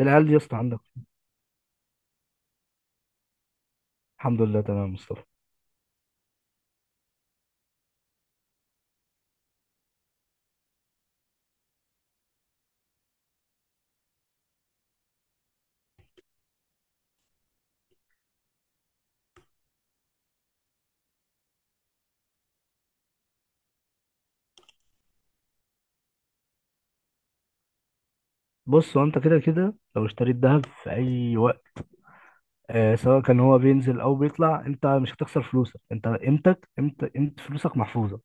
العيال دي يا اسطى عندك. الحمد لله، تمام يا مصطفى. بص، هو انت كده كده لو اشتريت ذهب في اي وقت، آه، سواء كان هو بينزل او بيطلع، انت مش هتخسر فلوسك. انت قيمتك قيمت قيمه فلوسك محفوظه،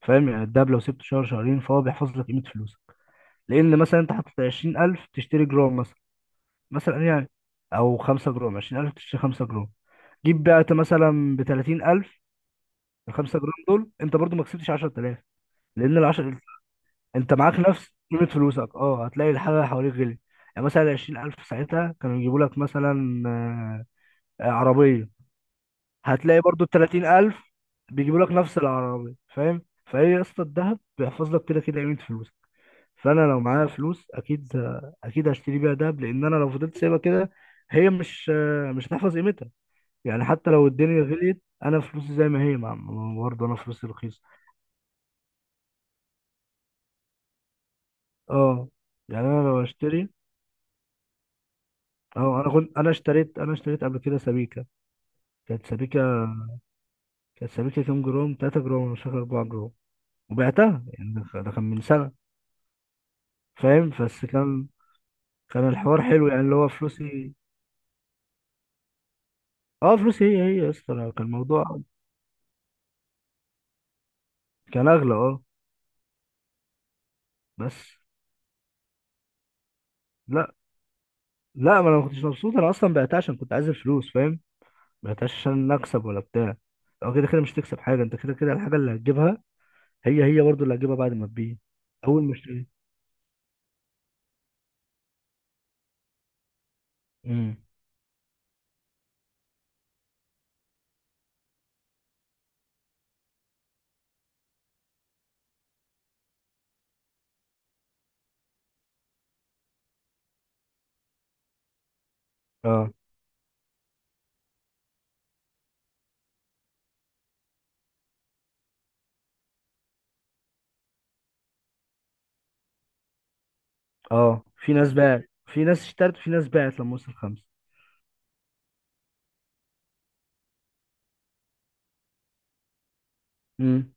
فاهم؟ يعني الدهب لو سبته شهر شهرين فهو بيحفظ لك قيمه فلوسك. لان مثلا انت حاطط 20000 تشتري جرام مثلا، مثلا يعني، او 5 جرام. 20000 تشتري 5 جرام. جيب بعت مثلا ب 30000، ال 5 جرام دول انت برضو ما كسبتش 10000. لان ال 10، انت معاك نفس قيمة فلوسك. اه، هتلاقي الحاجة اللي حواليك غلي. يعني مثلا عشرين ألف ساعتها كانوا يجيبوا لك مثلا عربية. هتلاقي برضو التلاتين ألف بيجيبوا لك نفس العربية، فاهم؟ فهي يا اسطى الدهب بيحفظ لك كده كده قيمة فلوسك. فأنا لو معايا فلوس أكيد هشتري بيها دهب، لأن أنا لو فضلت سايبها كده هي مش مش هتحفظ قيمتها. يعني حتى لو الدنيا غليت أنا فلوسي زي ما هي برضه أنا فلوسي رخيصة. اه. يعني أنا لو أشتري، انا اشتريت قبل كده سبيكه. كانت سبيكه كانت سبيكه كام جرام، 3 جرام، أنا مش فاكر، 4 جرام. وبعتها، يعني ده كان من سنه. فاهم؟ بس كان الحوار حلو، يعني اللي هو فلوسي، اه، فلوسي هي هي يا اسطى. أنا كان الموضوع كان اغلى، اه. بس لا، لا، ما انا ما كنتش مبسوط، انا اصلا بعتها عشان كنت عايز الفلوس، فاهم؟ ما بعتهاش عشان اكسب ولا بتاع. او كده كده مش تكسب حاجه، انت كده كده الحاجه اللي هتجيبها هي هي برضو اللي هتجيبها بعد ما تبيع. اول ما اشتريت. امم، اه. اه في ناس باعت، في ناس اشترت، وفي ناس باعت لما وصل خمسة. امم،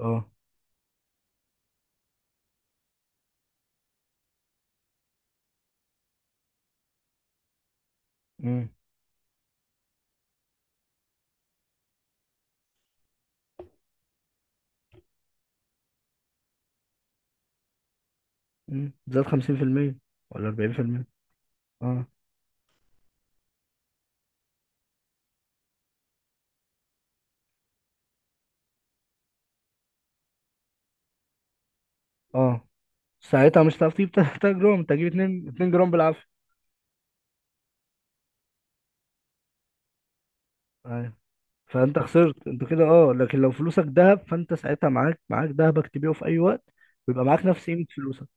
اه. امم. زاد 50% ولا 40%. اه. اه ساعتها مش هتعرف تجيب 3 جرام، انت هتجيب 2 جرام بالعافية. ايوه. فانت خسرت انت كده، اه. لكن لو فلوسك ذهب فانت ساعتها معاك ذهبك، تبيعه في اي وقت ويبقى معاك نفس قيمة فلوسك.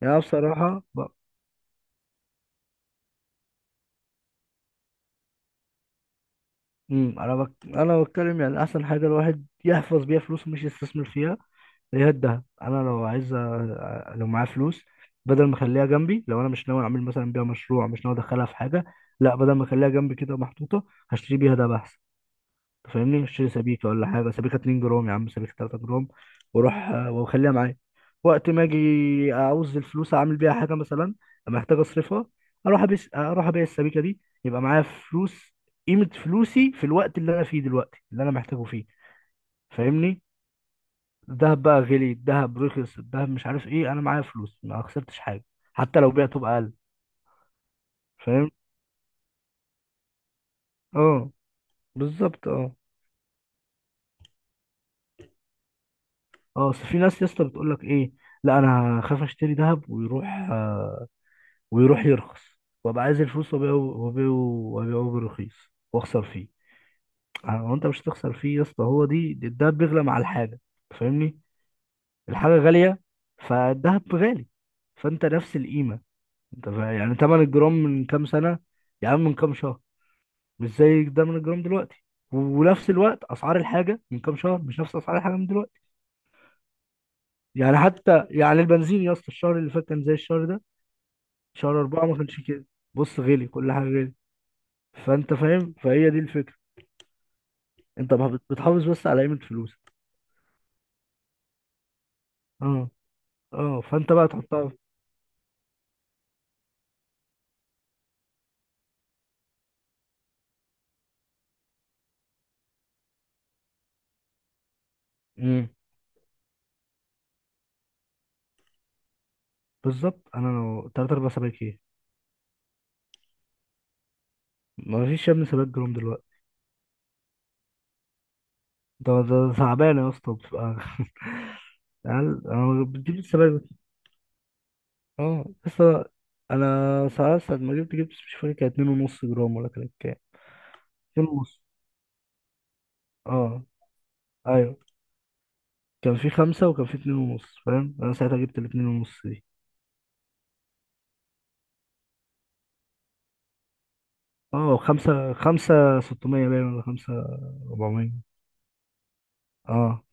يعني انا بصراحة انا بتكلم، يعني احسن حاجة الواحد يحفظ بيها فلوسه، مش يستثمر فيها. هي الدهب. انا لو عايز لو معايا فلوس، بدل ما اخليها جنبي، لو انا مش ناوي اعمل مثلا بيها مشروع، مش ناوي ادخلها في حاجه، لا بدل ما اخليها جنبي كده محطوطه، هشتري بيها دهب احسن. أنت فاهمني؟ اشتري سبيكه ولا حاجه، سبيكه 2 جرام يا عم، سبيكه 3 جرام، واروح واخليها معايا، وقت ما اجي اعوز الفلوس اعمل بيها حاجه مثلا، محتاج اصرفها، اروح ابيع السبيكه دي، يبقى معايا فلوس، قيمه فلوسي في الوقت اللي انا فيه دلوقتي، اللي انا محتاجه فيه، فاهمني؟ الذهب بقى غلي، الذهب رخص، الذهب مش عارف ايه، انا معايا فلوس، ما خسرتش حاجه، حتى لو بعته بأقل. فاهم. اه بالظبط، اه. اه اصل في ناس يا اسطى بتقول لك ايه، لا انا خاف اشتري ذهب ويروح، آه، ويروح يرخص وابقى عايز الفلوس وابيعه وابيعه وابيعه برخيص، واخسر فيه. آه، هو انت مش هتخسر فيه يا اسطى. هو دي الدهب بيغلى مع الحاجه، فاهمني؟ الحاجه غاليه فالدهب غالي، فانت نفس القيمه. انت يعني ثمن الجرام من كام سنه، يا عم من كام شهر، مش زي ده من الجرام دلوقتي. ونفس الوقت اسعار الحاجه من كام شهر مش نفس اسعار الحاجه من دلوقتي. يعني حتى يعني البنزين يا اسطى الشهر اللي فات كان زي الشهر ده؟ شهر أربعة ما كانش كده. بص، غلي، كل حاجه غلي. فانت فاهم، فهي دي الفكره. انت بتحافظ بس على قيمه فلوسك. اه. اه فانت بقى تحطها. امم. بالظبط. انا لو تلات ارباع سباك ايه، ما فيش يا ابني سباك جرام دلوقتي. ده تعبان يا اسطى بتبقى، يعني انا بجيب السباك. اه بس انا ساعة ما جبت مش فاكر، كان اتنين ونص جرام ولا كانت كام. اتنين ونص، اه، ايوه. كان في خمسة وكان في اتنين ونص، فاهم، انا ساعتها جبت الاتنين ونص دي. اه، خمسة خمسة. ستمية باين ولا خمسة؟ ربعمية، اه.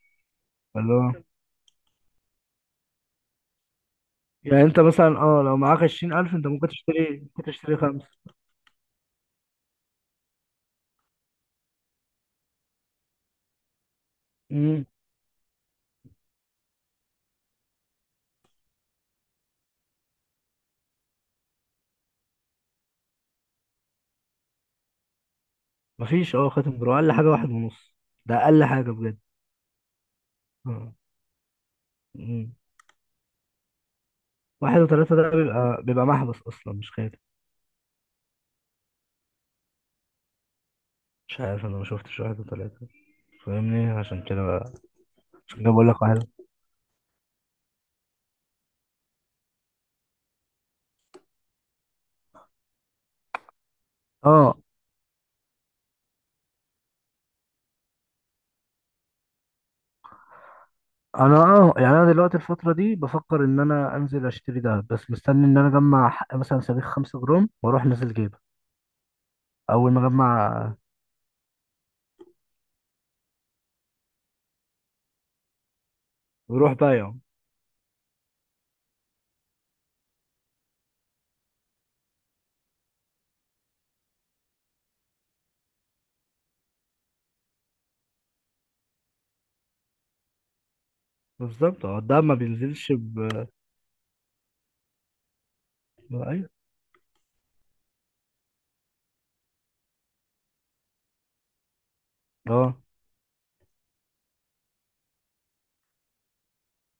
اللي هو، يعني انت مثلا، اه، لو معاك عشرين ألف انت ممكن تشتري خمسة. امم. مفيش، خاتم جرام أقل حاجة واحد ونص، ده أقل حاجة بجد. اه. امم. واحد وتلاتة ده بيبقى محبس أصلا مش خاتم. مش عارف، أنا ما شفتش واحد وتلاتة، فاهمني؟ عشان كده بقى، عشان كده بقول لك واحد. اه. انا اه يعني انا دلوقتي الفتره دي بفكر ان انا انزل اشتري دهب، بس مستني ان انا اجمع حق مثلا صاروخ 5 جرام واروح نازل جيبه. اول ما اجمع ويروح بايعه. بالظبط، اه الدهب ما بينزلش ايوه، اه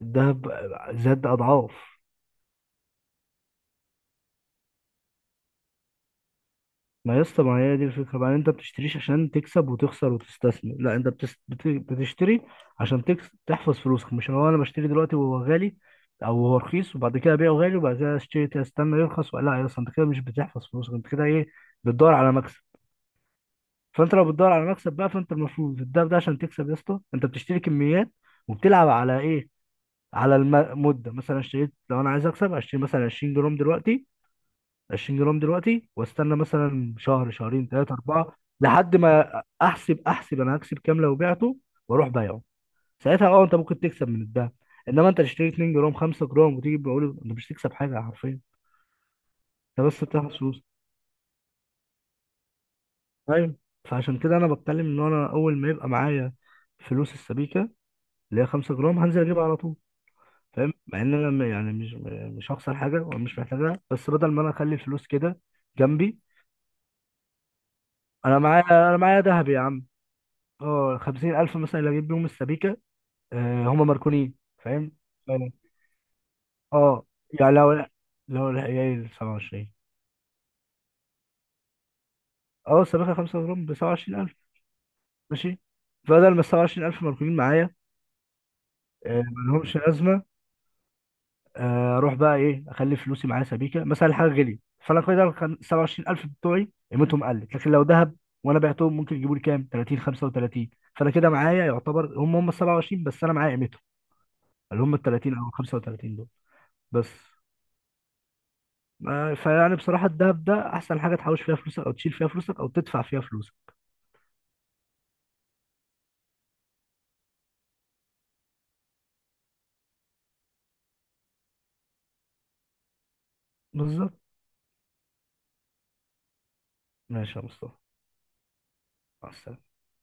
الدهب زاد اضعاف. ما يا اسطى، ما هي دي الفكره بقى. انت بتشتريش عشان تكسب وتخسر وتستثمر؟ لا، انت بتشتري عشان تحفظ فلوسك. مش هو انا بشتري دلوقتي وهو غالي، او هو رخيص، وبعد كده ابيعه غالي، وبعد كده اشتري استنى يرخص. ولا لا يا اسطى، انت كده مش بتحفظ فلوسك، انت كده ايه، بتدور على مكسب. فانت لو بتدور على مكسب بقى، فانت المفروض، ده عشان تكسب يا اسطى انت بتشتري كميات وبتلعب على ايه، على المده. مثلا اشتريت، لو انا عايز اكسب، اشتري مثلا 20 جرام دلوقتي، 20 جرام دلوقتي واستنى مثلا شهر شهرين ثلاثة أربعة لحد ما أحسب أنا هكسب كام لو بعته، وأروح بايعه. ساعتها، أنت ممكن تكسب من الدهب. إنما أنت تشتري 2 جرام 5 جرام وتيجي بقول أنت مش هتكسب حاجة حرفيا، أنت بس بتاخد فلوس. أيوه. فعشان كده أنا بتكلم إن أنا أول ما يبقى معايا فلوس السبيكة، اللي هي 5 جرام، هنزل أجيبها على طول. فاهم؟ مع إن أنا مش هخسر حاجة ومش محتاجها، بس بدل ما أنا أخلي الفلوس كده جنبي، أنا معايا دهب يا عم. اه خمسين ألف مثلا اللي أجيب بيهم السبيكة. آه هم ماركونين، فاهم؟ فاهم. اه، يعني لو، العيال سبعة وعشرين. اه السبيكة خمسة جرام بسبعة وعشرين ألف، ماشي. بدل ما السبعة وعشرين ألف ماركونين معايا، آه ملهمش لازمة. آه أروح بقى إيه، أخلي فلوسي معايا سبيكة مثلا، الحاجة غليت، فأنا كده السبعة وعشرين ألف بتوعي قيمتهم قلت، لكن لو ذهب وأنا بعتهم ممكن يجيبوا لي كام؟ 30، 35. فأنا كده معايا يعتبر، هم هم السبعة وعشرين، بس أنا معايا قيمتهم اللي هم التلاتين أو الخمسة وتلاتين دول. بس فيعني بصراحة الدهب ده أحسن حاجة تحوش فيها فلوسك، أو تشيل فيها فلوسك، أو تدفع فيها فلوسك. بالظبط. ماشي يا مصطفى. مع السلامة.